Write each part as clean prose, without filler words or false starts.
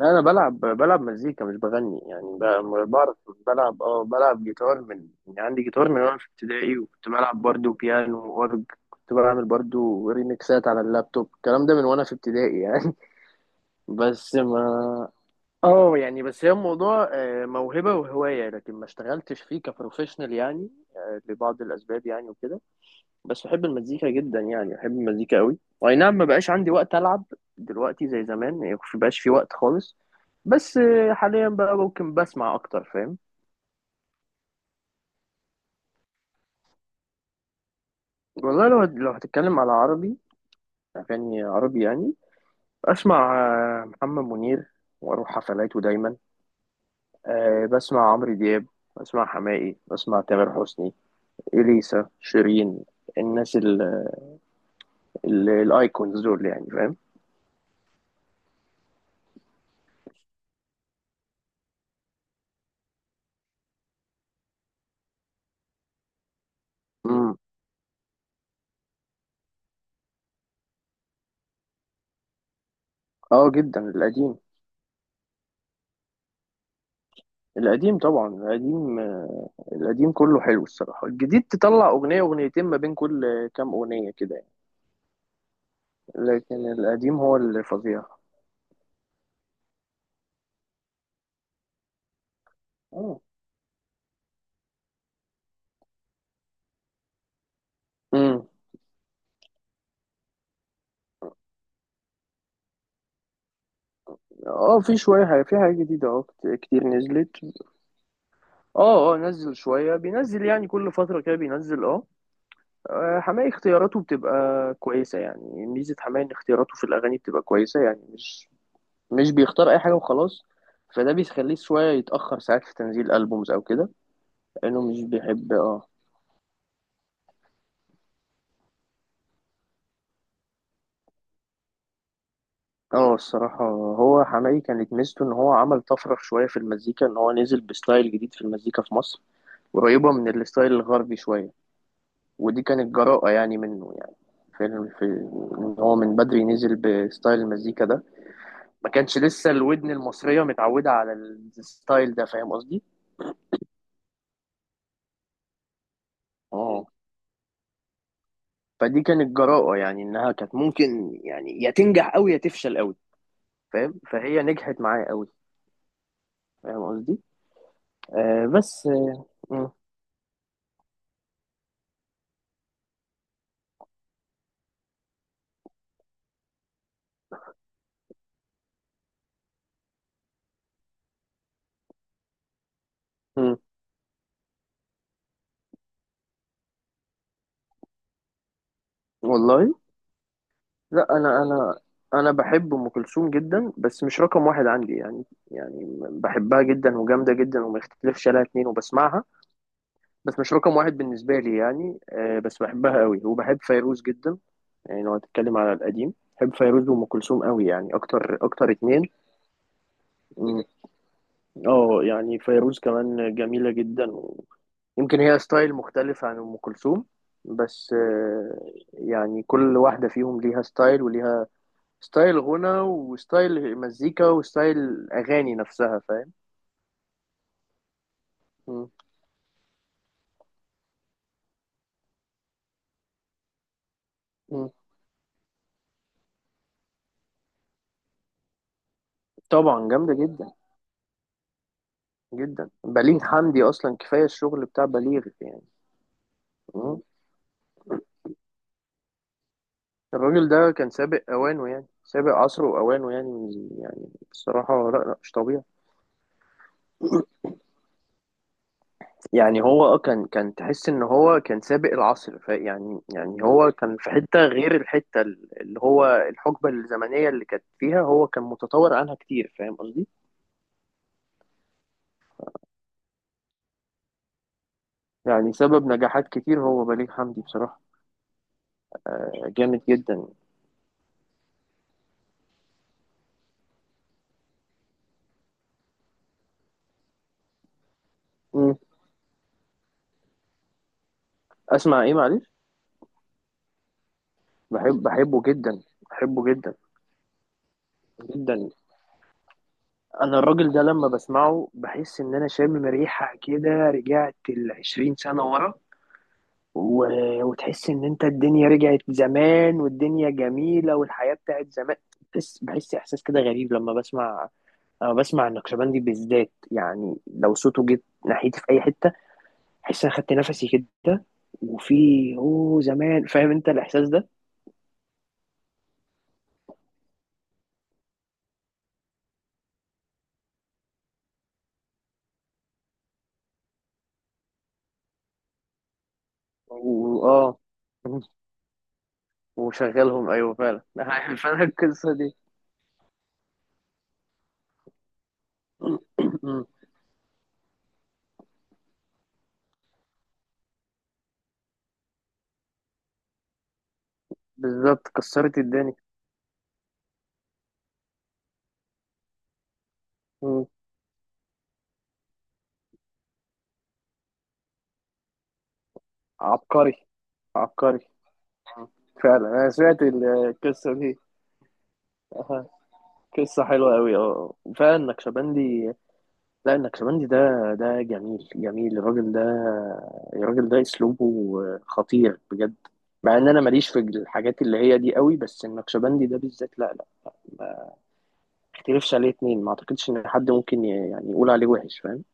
لا، انا بلعب مزيكا مش بغني. يعني بعرف بلعب. اه، بلعب جيتار من، يعني عندي جيتار من وانا في ابتدائي، وكنت بلعب برضو بيانو واورج. كنت بعمل برضو ريميكسات على اللابتوب، الكلام ده من وانا في ابتدائي يعني. بس ما اه، يعني بس هي الموضوع موهبة وهواية، لكن ما اشتغلتش فيه كبروفيشنال يعني. لبعض الاسباب يعني وكده. بس بحب المزيكا جدا، يعني بحب المزيكا قوي، واي نعم ما بقاش عندي وقت العب دلوقتي زي زمان، يعني ما بقاش في وقت خالص. بس حاليا بقى ممكن بسمع اكتر، فاهم؟ والله لو هتتكلم على عربي، اغاني عربي يعني، بسمع محمد منير واروح حفلاته دايما. بسمع عمرو دياب، بسمع حماقي، بسمع تامر حسني، اليسا، شيرين، الناس الايكونز دول يعني، فاهم؟ امم. اه جدا، القديم. القديم طبعا، القديم. القديم كله حلو الصراحة. الجديد تطلع أغنية أغنيتين ما بين كل كام أغنية كده يعني. لكن القديم هو اللي فظيع. اه. امم. اه في شوية حاجة، في حاجة جديدة اه، كتير نزلت. اه اه، نزل شوية، بينزل يعني كل فترة كده بينزل اه. حماقي اختياراته بتبقى كويسة. يعني ميزة حماقي ان اختياراته في الأغاني بتبقى كويسة، يعني مش بيختار أي حاجة وخلاص. فده بيخليه شوية يتأخر ساعات في تنزيل ألبومز أو كده، لأنه مش بيحب. اه اه، الصراحة هو حماقي كانت ميزته ان هو عمل طفرة شوية في المزيكا، ان هو نزل بستايل جديد في المزيكا في مصر، قريبة من الستايل الغربي شوية، ودي كانت جراءة يعني منه يعني. في, في ان هو من بدري نزل بستايل المزيكا ده، ما كانش لسه الودن المصرية متعودة على الستايل ده، فاهم قصدي؟ اه، فدي كانت جراءة يعني، انها كانت ممكن يعني يا تنجح قوي يا تفشل قوي، فاهم؟ فهي نجحت معاه قوي، فاهم قصدي؟ آه بس آه م- والله. لا، انا انا بحب ام كلثوم جدا، بس مش رقم واحد عندي يعني. يعني بحبها جدا وجامده جدا وما يختلفش عليها اتنين، وبسمعها، بس مش رقم واحد بالنسبه لي يعني. بس بحبها قوي، وبحب فيروز جدا. يعني لو هتتكلم على القديم، بحب فيروز وام كلثوم قوي، يعني اكتر اكتر اتنين. مم. اه يعني فيروز كمان جميله جدا، ويمكن هي ستايل مختلف عن ام كلثوم، بس يعني كل واحده فيهم ليها ستايل، وليها ستايل غنى وستايل مزيكا وستايل اغاني نفسها، فاهم؟ مم. مم. طبعا جامده جدا. جدا، بليغ حمدي اصلا كفايه الشغل بتاع بليغ يعني. مم. الراجل ده كان سابق اوانه، يعني سابق عصره واوانه، يعني يعني بصراحه، لا لا مش طبيعي. يعني هو اه، كان تحس ان هو كان سابق العصر، ف يعني يعني هو كان في حته غير الحته اللي هو الحقبه الزمنيه اللي كانت فيها، هو كان متطور عنها كتير، فاهم قصدي؟ يعني سبب نجاحات كتير هو بليغ حمدي بصراحة. جامد جدا. مم. أسمع إيه معلش؟ بحب، بحبه جدا. بحبه جدا جدا. أنا الراجل ده لما بسمعه بحس إن أنا شامم ريحة كده، رجعت العشرين سنة ورا، و... وتحس إن أنت الدنيا رجعت زمان، والدنيا جميلة، والحياة بتاعت زمان. بحس، بحس إحساس كده غريب لما بسمع، لما بسمع النقشبندي بالذات. يعني لو صوته جه ناحيتي في أي حتة، احس انا خدت نفسي كده، وفي اوه زمان، فاهم انت الاحساس ده؟ واه، وشغلهم ايوه فعلا. عارف انا القصه دي. بالظبط، كسرت الدنيا. مم. عبقري. عبقري. مم. فعلا انا سمعت القصه دي. أها. قصه حلوه قوي، اه فعلا النكشبندي. لا، النكشبندي ده، ده جميل جميل الراجل ده. الراجل ده اسلوبه خطير بجد. مع ان انا ماليش في الحاجات اللي هي دي قوي، بس النكشبندي ده بالذات لا لا. ما اختلفش عليه اتنين، ما اعتقدش ان حد ممكن يعني يقول عليه وحش، فاهم؟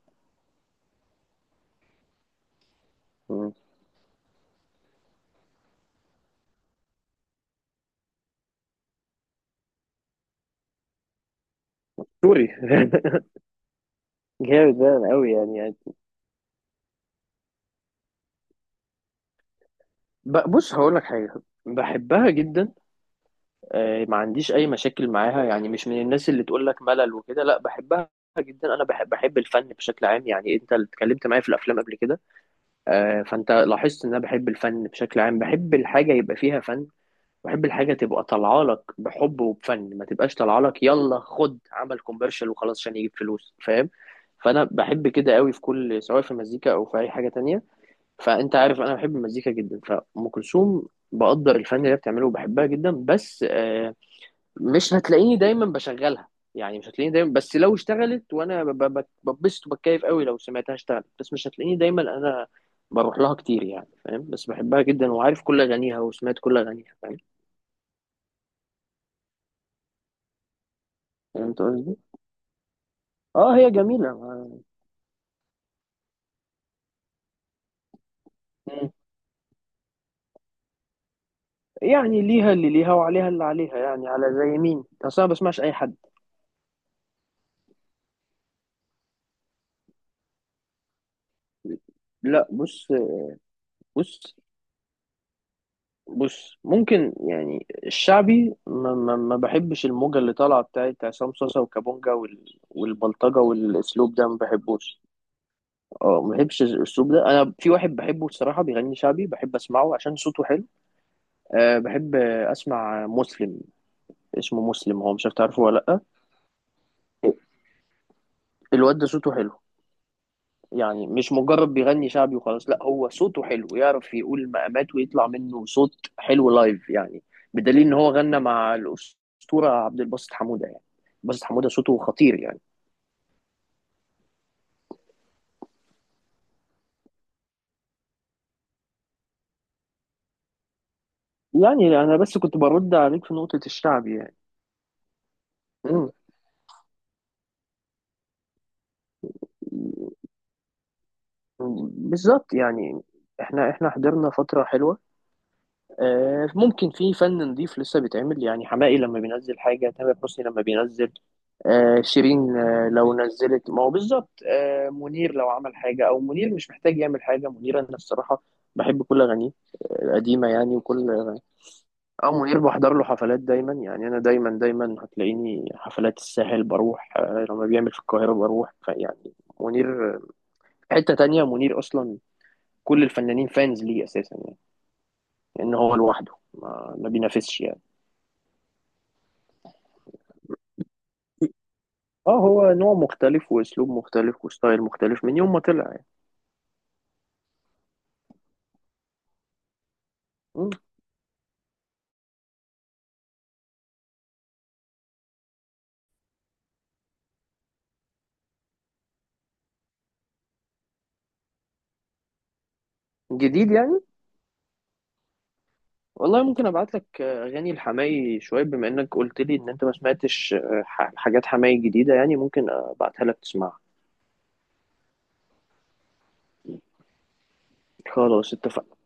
مم. سوري. جامد ده قوي، يعني يعني بص هقول لك حاجه. بحبها جدا. ما عنديش اي مشاكل معاها، يعني مش من الناس اللي تقول لك ملل وكده، لا بحبها جدا. انا بحب، بحب الفن بشكل عام. يعني انت اللي اتكلمت معايا في الافلام قبل كده، فانت لاحظت ان انا بحب الفن بشكل عام، بحب الحاجه يبقى فيها فن، بحب الحاجه تبقى طالعه لك بحب وبفن، ما تبقاش طالعه لك يلا خد عمل كوميرشال وخلاص عشان يجيب فلوس، فاهم؟ فانا بحب كده قوي في كل، سواء في مزيكا او في اي حاجه تانية. فانت عارف انا بحب المزيكا جدا. فام كلثوم بقدر الفن اللي هي بتعمله، وبحبها جدا، بس مش هتلاقيني دايما بشغلها. يعني مش هتلاقيني دايما، بس لو اشتغلت وانا ببسط وبتكيف قوي لو سمعتها اشتغلت، بس مش هتلاقيني دايما انا بروح لها كتير يعني، فاهم؟ بس بحبها جدا، وعارف كل اغانيها، وسمعت كل اغانيها، فاهم؟ فهمت قصدي. اه هي جميله مم. يعني ليها اللي ليها وعليها اللي عليها، يعني على زي مين؟ اصلا ما بسمعش اي حد. لا بص، بص بص ممكن يعني الشعبي ما بحبش الموجة اللي طالعة بتاعت عصام صاصا وكابونجا وال... والبلطجة والأسلوب ده ما بحبوش. اه ما بحبش الأسلوب ده. أنا في واحد بحبه الصراحة بيغني شعبي، بحب أسمعه عشان صوته حلو. أه بحب أسمع مسلم. اسمه مسلم، هو مش عارف تعرفه ولا لأ. الواد ده صوته حلو، يعني مش مجرد بيغني شعبي وخلاص، لا هو صوته حلو، يعرف يقول مقامات ويطلع منه صوت حلو لايف يعني. بدليل ان هو غنى مع الأسطورة عبد الباسط حمودة يعني. باسط حمودة صوته خطير يعني. يعني انا بس كنت برد عليك في نقطة الشعبي يعني. مم. بالظبط يعني. احنا، احنا حضرنا فترة حلوة. ممكن في فن نضيف لسه بيتعمل، يعني حماقي لما بينزل حاجة، تامر حسني لما بينزل، شيرين لو نزلت، ما هو بالظبط. منير لو عمل حاجة، أو منير مش محتاج يعمل حاجة. منير أنا الصراحة بحب كل أغانيه. القديمة يعني وكل أغانيه. أو منير بحضر له حفلات دايما، يعني أنا دايما دايما هتلاقيني حفلات الساحل بروح، لما بيعمل في القاهرة بروح، فيعني منير حتة تانية منير أصلا. كل الفنانين فانز ليه أساسا يعني، لأن هو لوحده ما بينافسش يعني. اه هو نوع مختلف، واسلوب مختلف، وستايل مختلف من يوم ما طلع يعني. مم. جديد يعني؟ والله ممكن ابعت لك اغاني الحماقي شويه، بما انك قلت لي ان انت ما سمعتش حاجات حماقي جديده يعني، ممكن ابعتها لك تسمعها. خلاص اتفقنا.